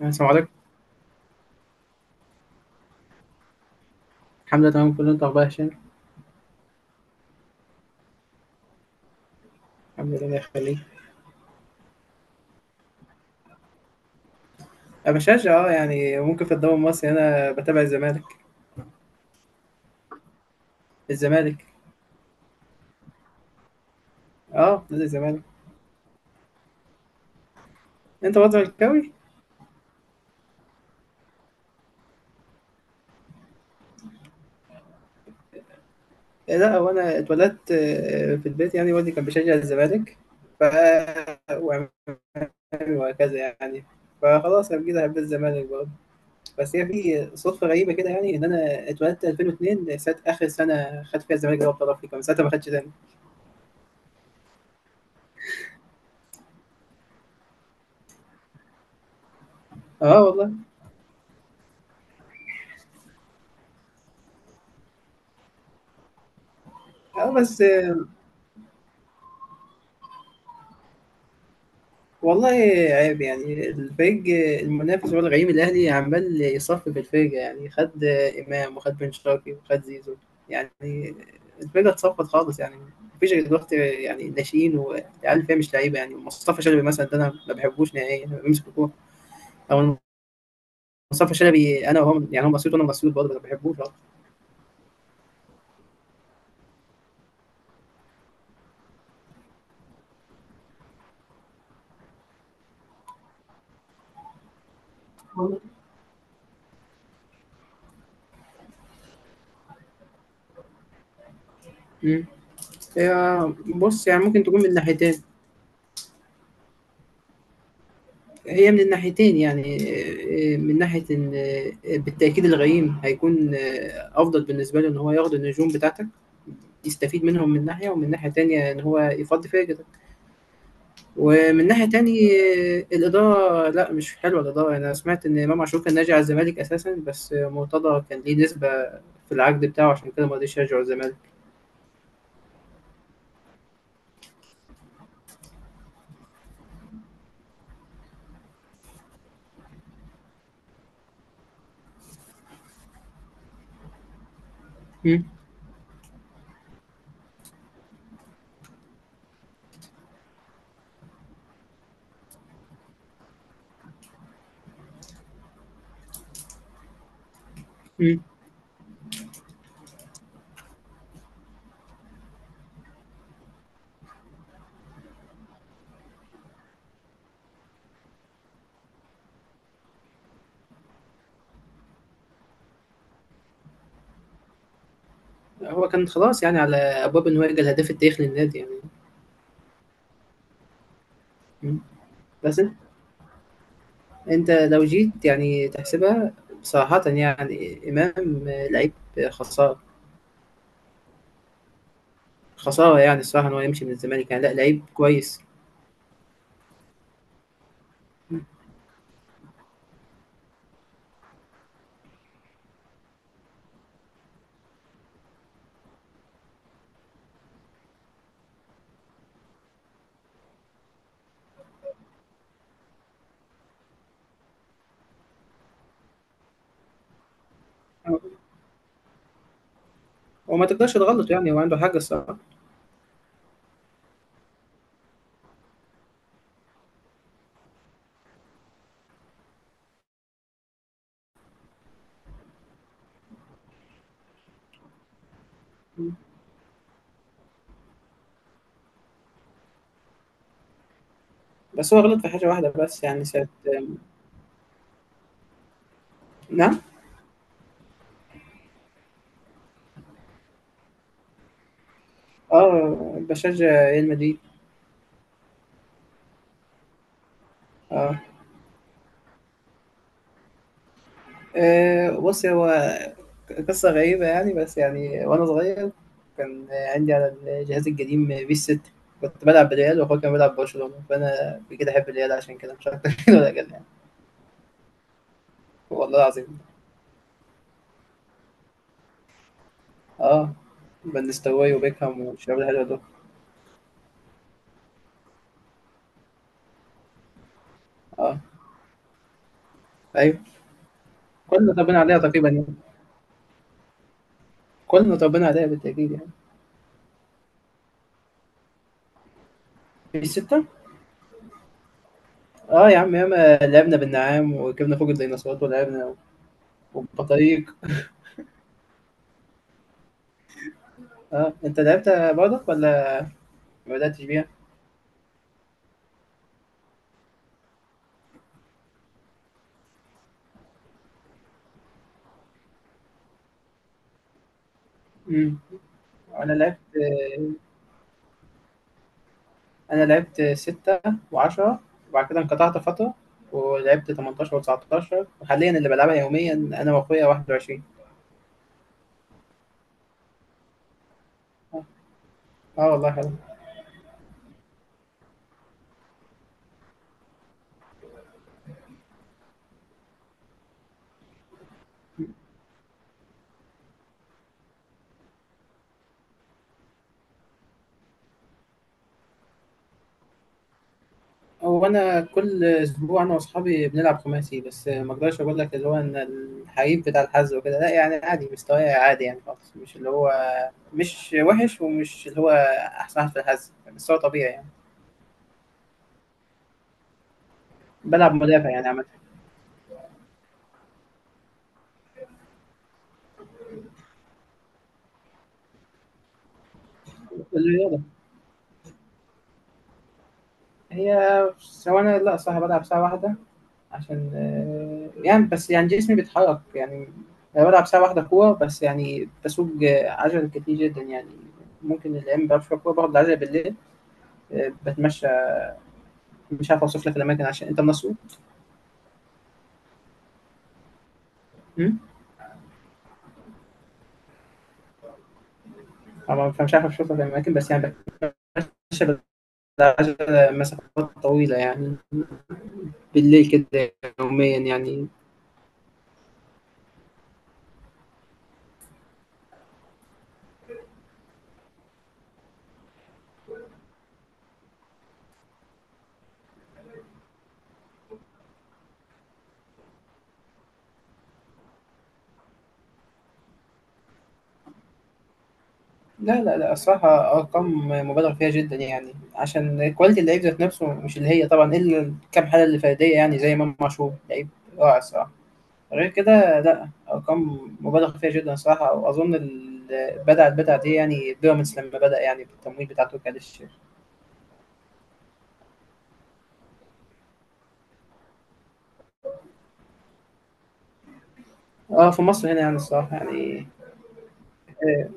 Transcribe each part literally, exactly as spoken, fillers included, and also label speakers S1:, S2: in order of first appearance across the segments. S1: السلام عليكم. الحمد لله، تمام كله. انت، اخبار يا هشام؟ الحمد لله، الله يخليك. انا بشجع، اه يعني ممكن، في الدوري المصري انا بتابع الزمالك الزمالك اه، نادي الزمالك. انت برضه زملكاوي. إيه، لا، هو انا اتولدت، آه، في البيت، يعني والدي كان بيشجع الزمالك. ف وعمامي، وهكذا يعني. فخلاص، انا كده حبيت الزمالك برضه. بس هي في صدفه غريبه كده، يعني ان انا اتولدت ألفين واثنين، ساعه اخر سنه خدت فيها الزمالك دوري ابطال افريقيا. من ساعتها ما خدتش تاني. اه والله. اه، بس والله، عيب يعني. الفريق المنافس هو الغريم الأهلي، عمال يصفي في الفرقة. يعني خد إمام، وخد بن شرقي، وخد زيزو. يعني الفرقة اتصفت خالص يعني. مفيش غير دلوقتي يعني ناشئين والعيال، فيها مش لعيبة. يعني مصطفى شلبي مثلا ده أنا ما بحبوش نهائيا، بيمسك الكورة. أو مصطفى شلبي، أنا وهو يعني هو مسيوط وأنا مسيوط برضه، ما بحبوش خالص. مم. هي بص يعني، ممكن تكون من ناحيتين. هي من الناحيتين يعني، آه، آه، من ناحية إن، آه، بالتأكيد الغيم هيكون آه، أفضل بالنسبة له، إن هو ياخد النجوم بتاعتك، يستفيد منهم، من ناحية. ومن ناحية تانية، إن هو يفضي فاجتك. ومن ناحية تانية، آه، الإدارة، لا، مش حلوة الإدارة. أنا سمعت إن إمام عاشور كان ناجي على الزمالك أساسا، بس آه، مرتضى كان ليه نسبة في العقد بتاعه، عشان كده ما رضيش يرجع الزمالك. مم. مم. هو كان خلاص يعني، على أبواب إن هو يجي الهداف التاريخي للنادي يعني. مم. بس انت لو جيت يعني تحسبها، صراحة يعني، امام لعيب. خسارة. خسارة يعني، الصراحة ان هو يمشي من الزمالك، يعني لا، لعيب كويس. وما تقدرش تغلط، يعني هو عنده حاجة الصراحة. بس هو غلط في حاجة واحدة بس، يعني ساعة. نعم. اه، بشجع ريال مدريد. اه. آه، بص هو، قصة غريبة يعني، بس يعني وانا صغير، كان عندي على الجهاز القديم بيس ستة. كنت بلعب بالريال، واخويا كان بيلعب برشلونة، فانا كده احب الريال عشان كده، مش اكتر. كده ولا كده. والله العظيم. اه. فان نيستلروي وبيكهام والشباب الحلوة دول. اه، ايوه. كلنا طبقنا عليها تقريبا يعني. كلنا طبقنا عليها بالتأكيد يعني. في ستة. اه يا عم، ياما لعبنا بالنعام، وجبنا فوق الديناصورات، ولعبنا، وبطريق. اه، انت لعبت برضك، ولا ما بدأتش بيها؟ امم. انا لعبت انا لعبت ستة وعشرة، وبعد كده انقطعت فترة، ولعبت تمنتاشر و19، وحاليا اللي بلعبها يوميا انا واخويا واحد وعشرين. اه. آه والله، حلو. هو انا كل اسبوع، انا واصحابي بنلعب خماسي. بس ما اقدرش اقول لك اللي هو، ان الحقيقي بتاع الحظ وكده، لا يعني. عادي، مستواي عادي يعني خالص، مش اللي هو مش وحش، ومش اللي هو احسن واحد في الحظ، بس هو طبيعي يعني. بلعب مدافع يعني عامة. الرياضة، هي سواء، انا لا، صح، بلعب ساعة واحدة، عشان آه، يعني، بس يعني جسمي بيتحرك يعني. انا بلعب ساعة واحدة كورة بس، يعني بسوق آه، عجل كتير جدا يعني. ممكن الايام ما بلعبش كورة، باخد العجلة بالليل، آه، بتمشى. مش عارف اوصف لك الاماكن، عشان انت من اسيوط. أمم؟ طبعاً، فمش عارف اوصف لك الاماكن، بس يعني بتمشى بالعجله مسافات طويله يعني، بالليل كده، يوميا يعني. لا، لا، لا، الصراحة أرقام مبالغ فيها جدا، يعني عشان كواليتي اللعيب ذات نفسه مش اللي هي، طبعا إلا الكام حالة اللي فردية، يعني زي إمام عاشور، لعيب رائع الصراحة. غير كده، لا، أرقام مبالغ فيها جدا الصراحة. وأظن ال- بدأت بدأت دي يعني، بيراميدز لما بدأ يعني بالتمويل بتاع تركي آل الشيخ. اه، في مصر هنا يعني، الصراحة يعني، آه،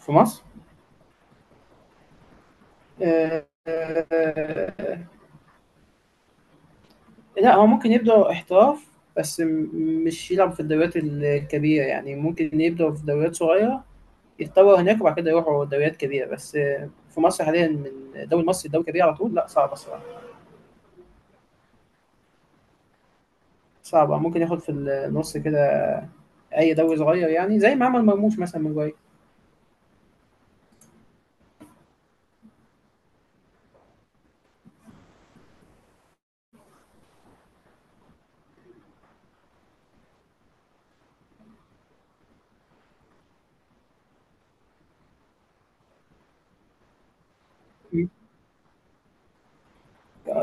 S1: في مصر، آه، آه، لا، هو ممكن يبدأ احتراف، بس م- مش يلعب في الدوريات ال- الكبيرة. يعني ممكن يبدأ في دوريات صغيرة، يتطور هناك، وبعد كده يروحوا دوريات كبيرة. بس آه، في مصر حاليا، من دوري مصر لدوري كبير على طول، لا، صعبة الصراحة. صعبة، ممكن ياخد في النص كده، أي دوري صغير يعني، زي ما عمل مرموش مثلا من جواي.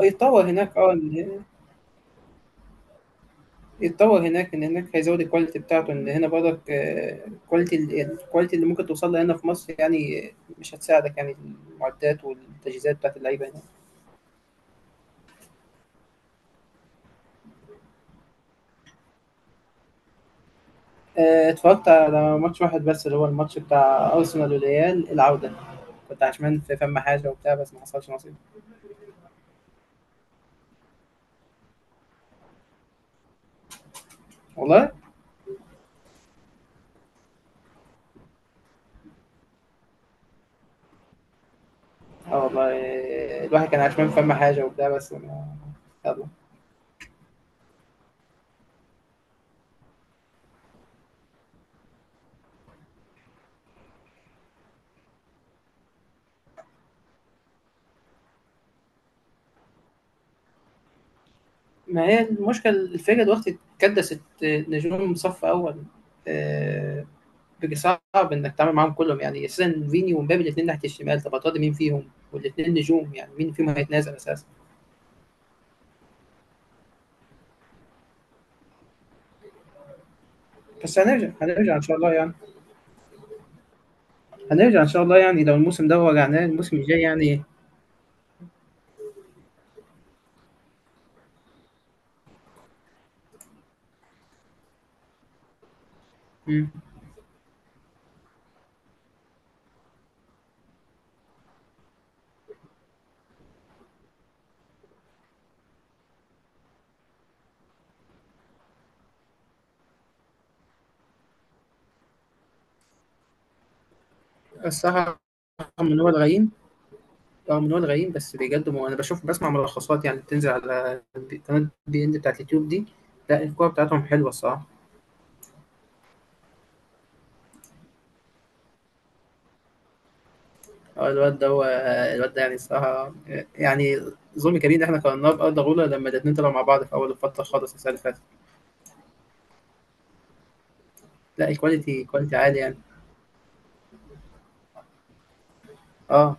S1: يتطور هناك، اه. يتطور هناك، ان هناك هيزود الكواليتي بتاعته. ان هنا برضك، الكواليتي الكواليتي اللي ممكن توصل لها هنا في مصر يعني، مش هتساعدك يعني. المعدات والتجهيزات بتاعت اللعيبه هنا. آه، اتفرجت على ماتش واحد بس، اللي هو الماتش بتاع ارسنال والريال، العوده. كنت عشمان في فم حاجه وبتاع، بس ما حصلش نصيب. والله. اه والله، آه، الواحد كان عشمان في فم حاجه وبتاع، بس ما... يلا. ما هي المشكله، الفرقه دلوقتي اتكدست نجوم صف اول. آه، صعب انك تتعامل معاهم كلهم، يعني اساسا فيني ومبابي الاثنين ناحيه الشمال، طب هتقعد مين فيهم؟ والاثنين نجوم، يعني مين فيهم هيتنازل اساسا؟ بس هنرجع هنرجع ان شاء الله يعني، هنرجع ان شاء الله، يعني لو الموسم ده وجعناه، الموسم الجاي يعني. مم. الصراحه، رغم ان هو الغيم رغم ان هو الغيم بس بيقدم، وانا بشوف، بسمع ملخصات يعني، بتنزل على قناه بي ان بتاعت اليوتيوب دي. لا، الكوره بتاعتهم حلوه الصراحه. اه، الواد ده هو الواد ده يعني الصراحه، يعني ظلم كبير ان احنا قارناه بارض غولة لما الاثنين طلعوا مع بعض في اول الفتره خالص، السنه اللي فاتت. لأ، الquality quality عالي يعني، آه،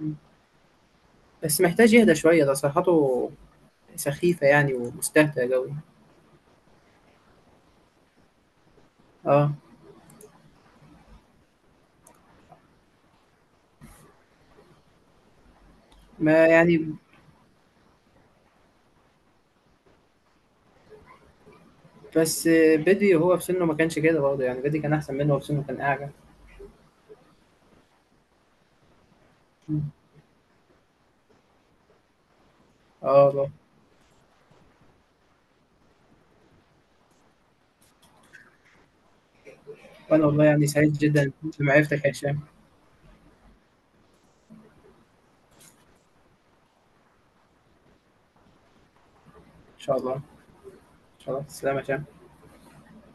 S1: إمم، بس محتاج يهدى شوية، تصريحاته سخيفة يعني ومستهتر أوي، آه، ما يعني. بس بدري وهو في سنّه ما كانش كده برضه، يعني بدري كان أحسن منّه وهو في سنّه، كان أعجب. إمم، آه والله. وأنا والله يعني سعيد جدًا بمعرفتك يا هشام. إن شاء الله. إن شاء الله، تسلم يا هشام.